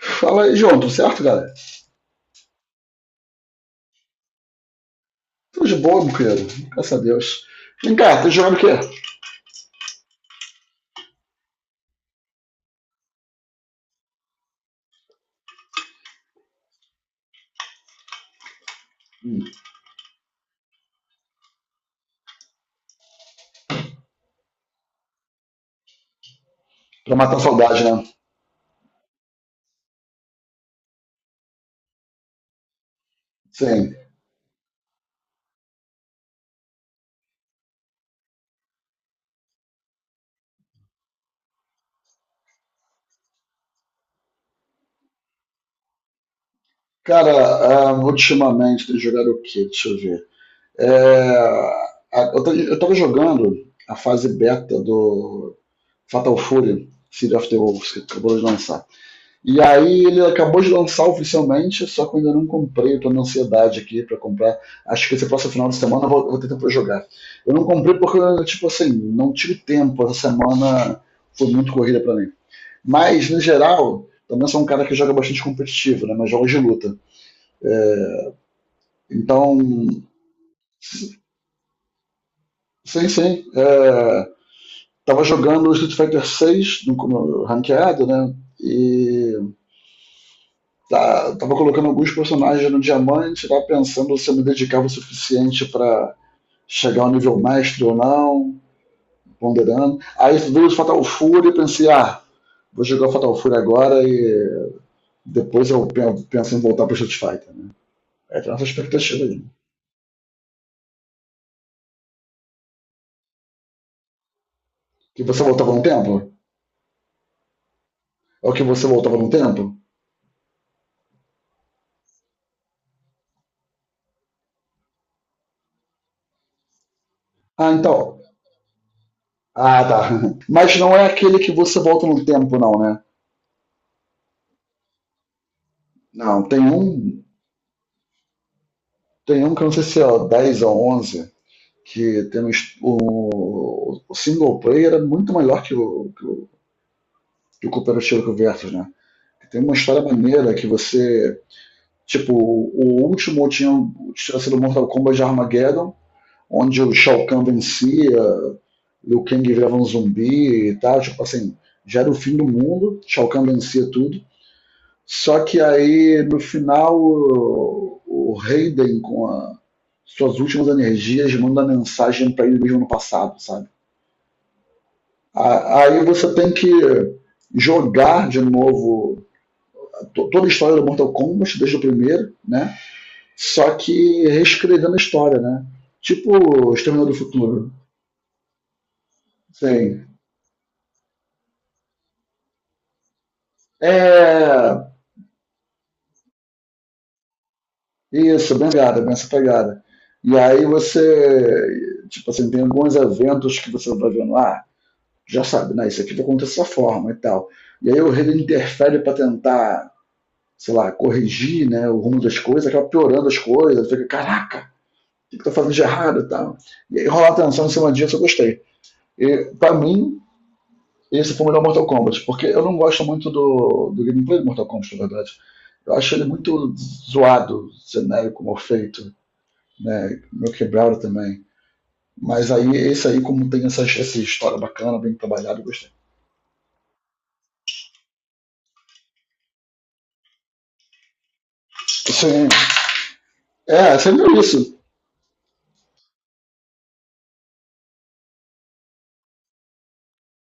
Fala aí, João, tudo certo, galera? Tô de boa, meu querido. Graças a Deus. Vem cá, tá jogando o quê? Pra matar a saudade, né? Sim. Cara, ultimamente tem jogado o quê? Deixa eu ver. É, eu tava jogando a fase beta do Fatal Fury, City of the Wolves, que acabou de lançar. E aí ele acabou de lançar oficialmente, só que eu ainda não comprei, eu tô na ansiedade aqui pra comprar. Acho que esse próximo final de semana eu vou ter pra jogar. Eu não comprei porque, tipo assim, não tive tempo. Essa semana foi muito corrida pra mim. Mas, no geral, também sou um cara que joga bastante competitivo, né? Mas jogos de luta. Então, sim. Tava jogando Street Fighter 6 no ranqueado, né? E tá, tava colocando alguns personagens no diamante, tava pensando se eu me dedicava o suficiente para chegar ao nível mestre ou não, ponderando. Aí veio o Fatal Fury e pensei, vou jogar o Fatal Fury agora e depois eu penso em voltar pro Street Fighter. Né? É a nossa expectativa aí. Que você voltava no tempo? É o que você voltava no tempo? Ah, então. Ah, tá. Mas não é aquele que você volta no tempo, não, né? Não, tem um que eu não sei se é 10 ou 11 que temos o single player é muito melhor que que o cooperativo que o Versus, né? Tem uma história maneira que você. Tipo, o último tinha, tinha sido Mortal Kombat de Armageddon, onde o Shao Kahn vencia, Liu Kang virava um zumbi e tal. Tipo assim, já era o fim do mundo, Shao Kahn vencia tudo. Só que aí, no final, o Raiden, suas últimas energias, manda mensagem para ele mesmo no passado, sabe? Aí você tem que jogar de novo toda a história do Mortal Kombat, desde o primeiro, né? Só que reescrevendo a história, né? Tipo Exterminador do Futuro. Sim. É. Isso, bem pegada, bem essa pegada. E aí você. Tipo assim, tem alguns eventos que você vai vendo lá, já sabe, né? Isso aqui vai acontecer dessa forma e tal. E aí o rei interfere pra tentar, sei lá, corrigir, né, o rumo das coisas, acaba piorando as coisas, fica, caraca! Que estou fazendo de errado e tal. E aí rolar tensão em cima disso eu gostei. E, pra mim, esse foi o melhor Mortal Kombat, porque eu não gosto muito do gameplay do Mortal Kombat, na verdade. Eu acho ele muito zoado, genérico, mal feito, né? Meu quebrado também. Mas aí, esse aí, como tem essa história bacana, bem trabalhada, eu gostei. Sim, é, sempre é isso.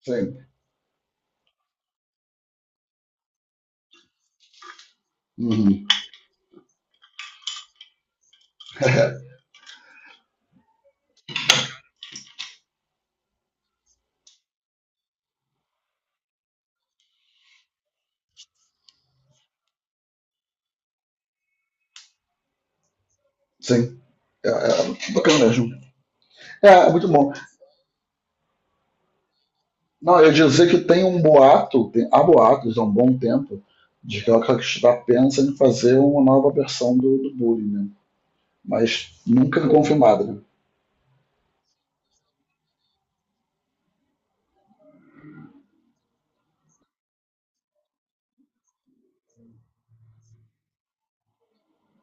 Sim. Uhum. É, sim, é, é é bacana mesmo. É, é muito bom. Não, eu ia dizer que tem um boato, tem, há boatos há um bom tempo, de que a Rockstar pensa em fazer uma nova versão do Bully, né? Mas nunca é confirmado, né?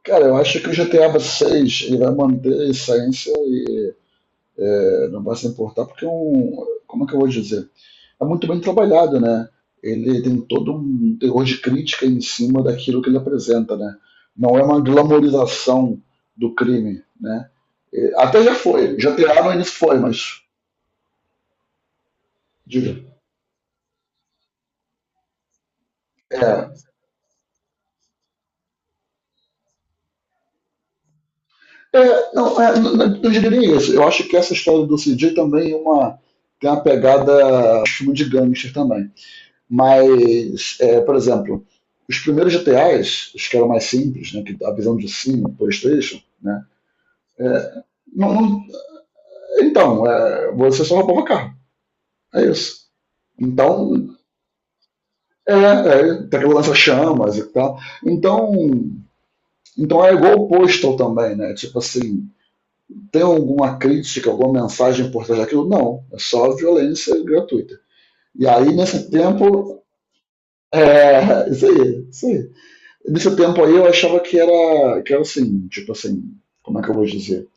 Cara, eu acho que o GTA 6 ele vai manter a essência, é, não vai se importar, porque é um. Como é que eu vou dizer? É muito bem trabalhado, né? Ele tem todo um terror de crítica em cima daquilo que ele apresenta, né? Não é uma glamorização do crime, né? É, até já foi, GTA no início foi, mas. Diga. É, não, é, não, não diria nem isso. Eu acho que essa história do CJ também é uma, tem uma pegada de filme de gangster também. Mas, é, por exemplo, os primeiros GTAs, os que eram mais simples, né, que a visão de cima, PlayStation, né, é, não, então, é, você só roubava carro. É isso. Então, é, é, tem aquela lança chamas e tal. Então, é igual o Postal também, né? Tipo assim, tem alguma crítica, alguma mensagem por trás daquilo? Não, é só violência gratuita. E aí, nesse tempo, é, isso aí, isso aí. Nesse tempo aí eu achava que era assim, tipo assim, como é que eu vou dizer?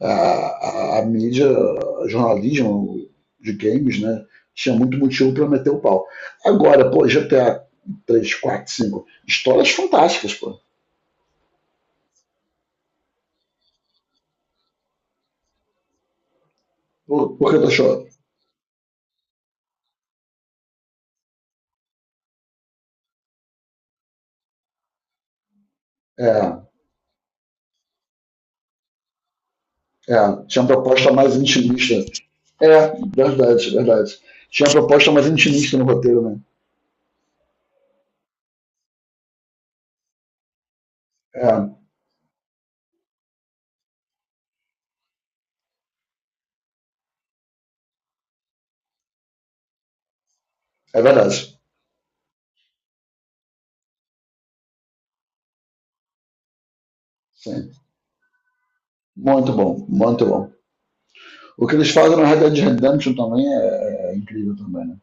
A mídia, a jornalismo de games, né? Tinha muito motivo para meter o pau. Agora, pô, GTA 3, 4, 5 histórias fantásticas, pô. Por que tu achou? É, tinha uma proposta mais intimista. É, verdade, verdade. Tinha uma proposta mais intimista no roteiro, né? É, é verdade. Sim. Muito bom, muito bom. O que eles fazem na Red Dead Redemption também é, é incrível também, né?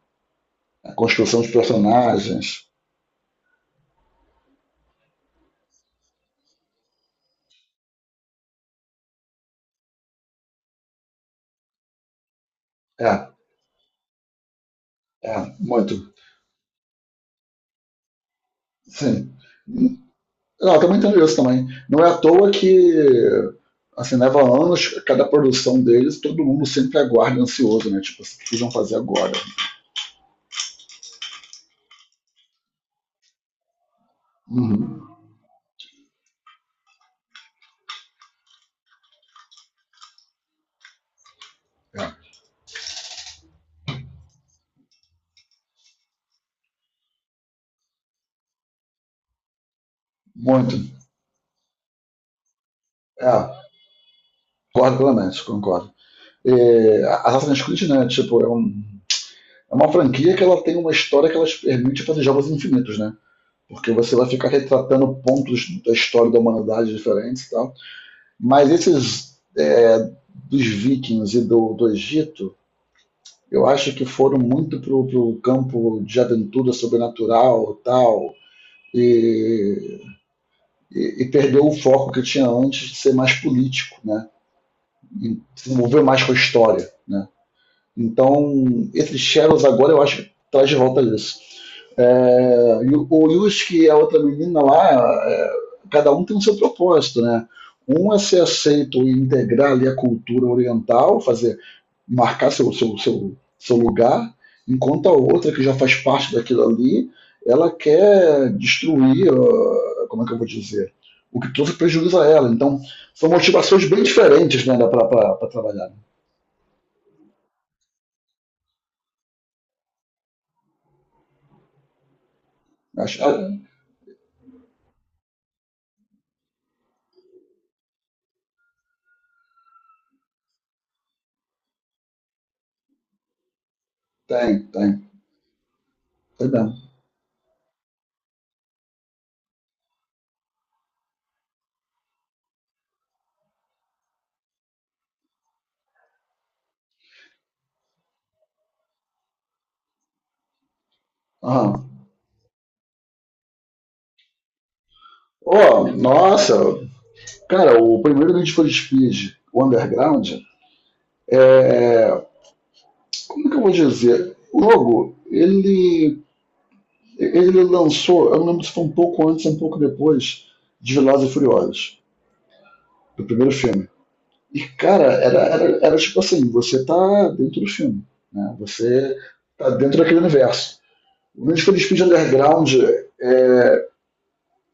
A construção de personagens. É, é, muito. Sim. Não, eu também entendo isso também. Não é à toa que assim, leva anos cada produção deles, todo mundo sempre aguarda ansioso, né? Tipo, o que eles vão fazer agora? Uhum. É. Muito. É. Concordo plenamente, concordo. É, Assassin's Creed, né? Tipo, é, um, é uma franquia que ela tem uma história que ela te permite fazer jogos infinitos, né? Porque você vai ficar retratando pontos da história da humanidade diferentes e tal. Mas esses é, dos vikings e do, do Egito, eu acho que foram muito pro, pro campo de aventura sobrenatural e tal, e e perdeu o foco que tinha antes de ser mais político, né? E se envolver mais com a história, né? Então, esse Shadows agora eu acho que traz de volta isso. É, o Yusuke e a outra menina lá, é, cada um tem o seu propósito, né? Um é ser aceito e integrar ali a cultura oriental, fazer, marcar seu lugar, enquanto a outra, que já faz parte daquilo ali, ela quer destruir, como é que eu vou dizer, o que trouxe prejuízo a ela. Então, são motivações bem diferentes, né, para trabalhar. Acho, ah, tem, tem. Perdão. Aham. Oh nossa, cara, o primeiro Need for Speed, o Underground, é, como que eu vou dizer? O jogo, ele lançou, eu não lembro se foi um pouco antes ou um pouco depois de Velozes e Furiosos, do primeiro filme. E, cara, era tipo assim, você tá dentro do filme, né? Você tá dentro daquele universo. O Need for Speed Underground é,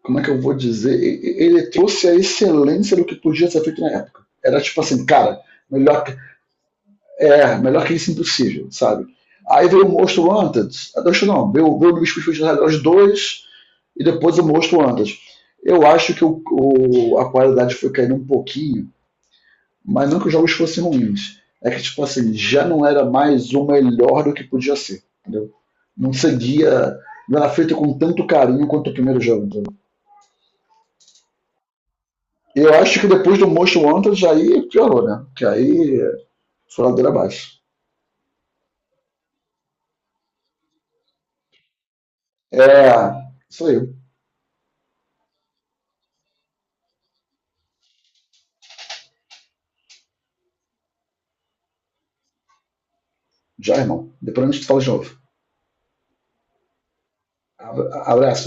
como é que eu vou dizer? Ele trouxe a excelência do que podia ser feito na época. Era tipo assim, cara, melhor que, é, melhor que isso é impossível, sabe? Aí veio o Most Wanted. Acho não, veio o Luiz Fusfus 2 e depois o Most Wanted. Eu acho que a qualidade foi caindo um pouquinho, mas não que os jogos fossem ruins. É que, tipo assim, já não era mais o melhor do que podia ser, entendeu? Não seguia, não era feito com tanto carinho quanto o primeiro jogo, entendeu? Eu acho que depois do Most Wanted aí piorou, né? Que aí foi ladeira abaixo. É. Isso aí. Já, irmão. Depois a gente fala de novo. Abraço.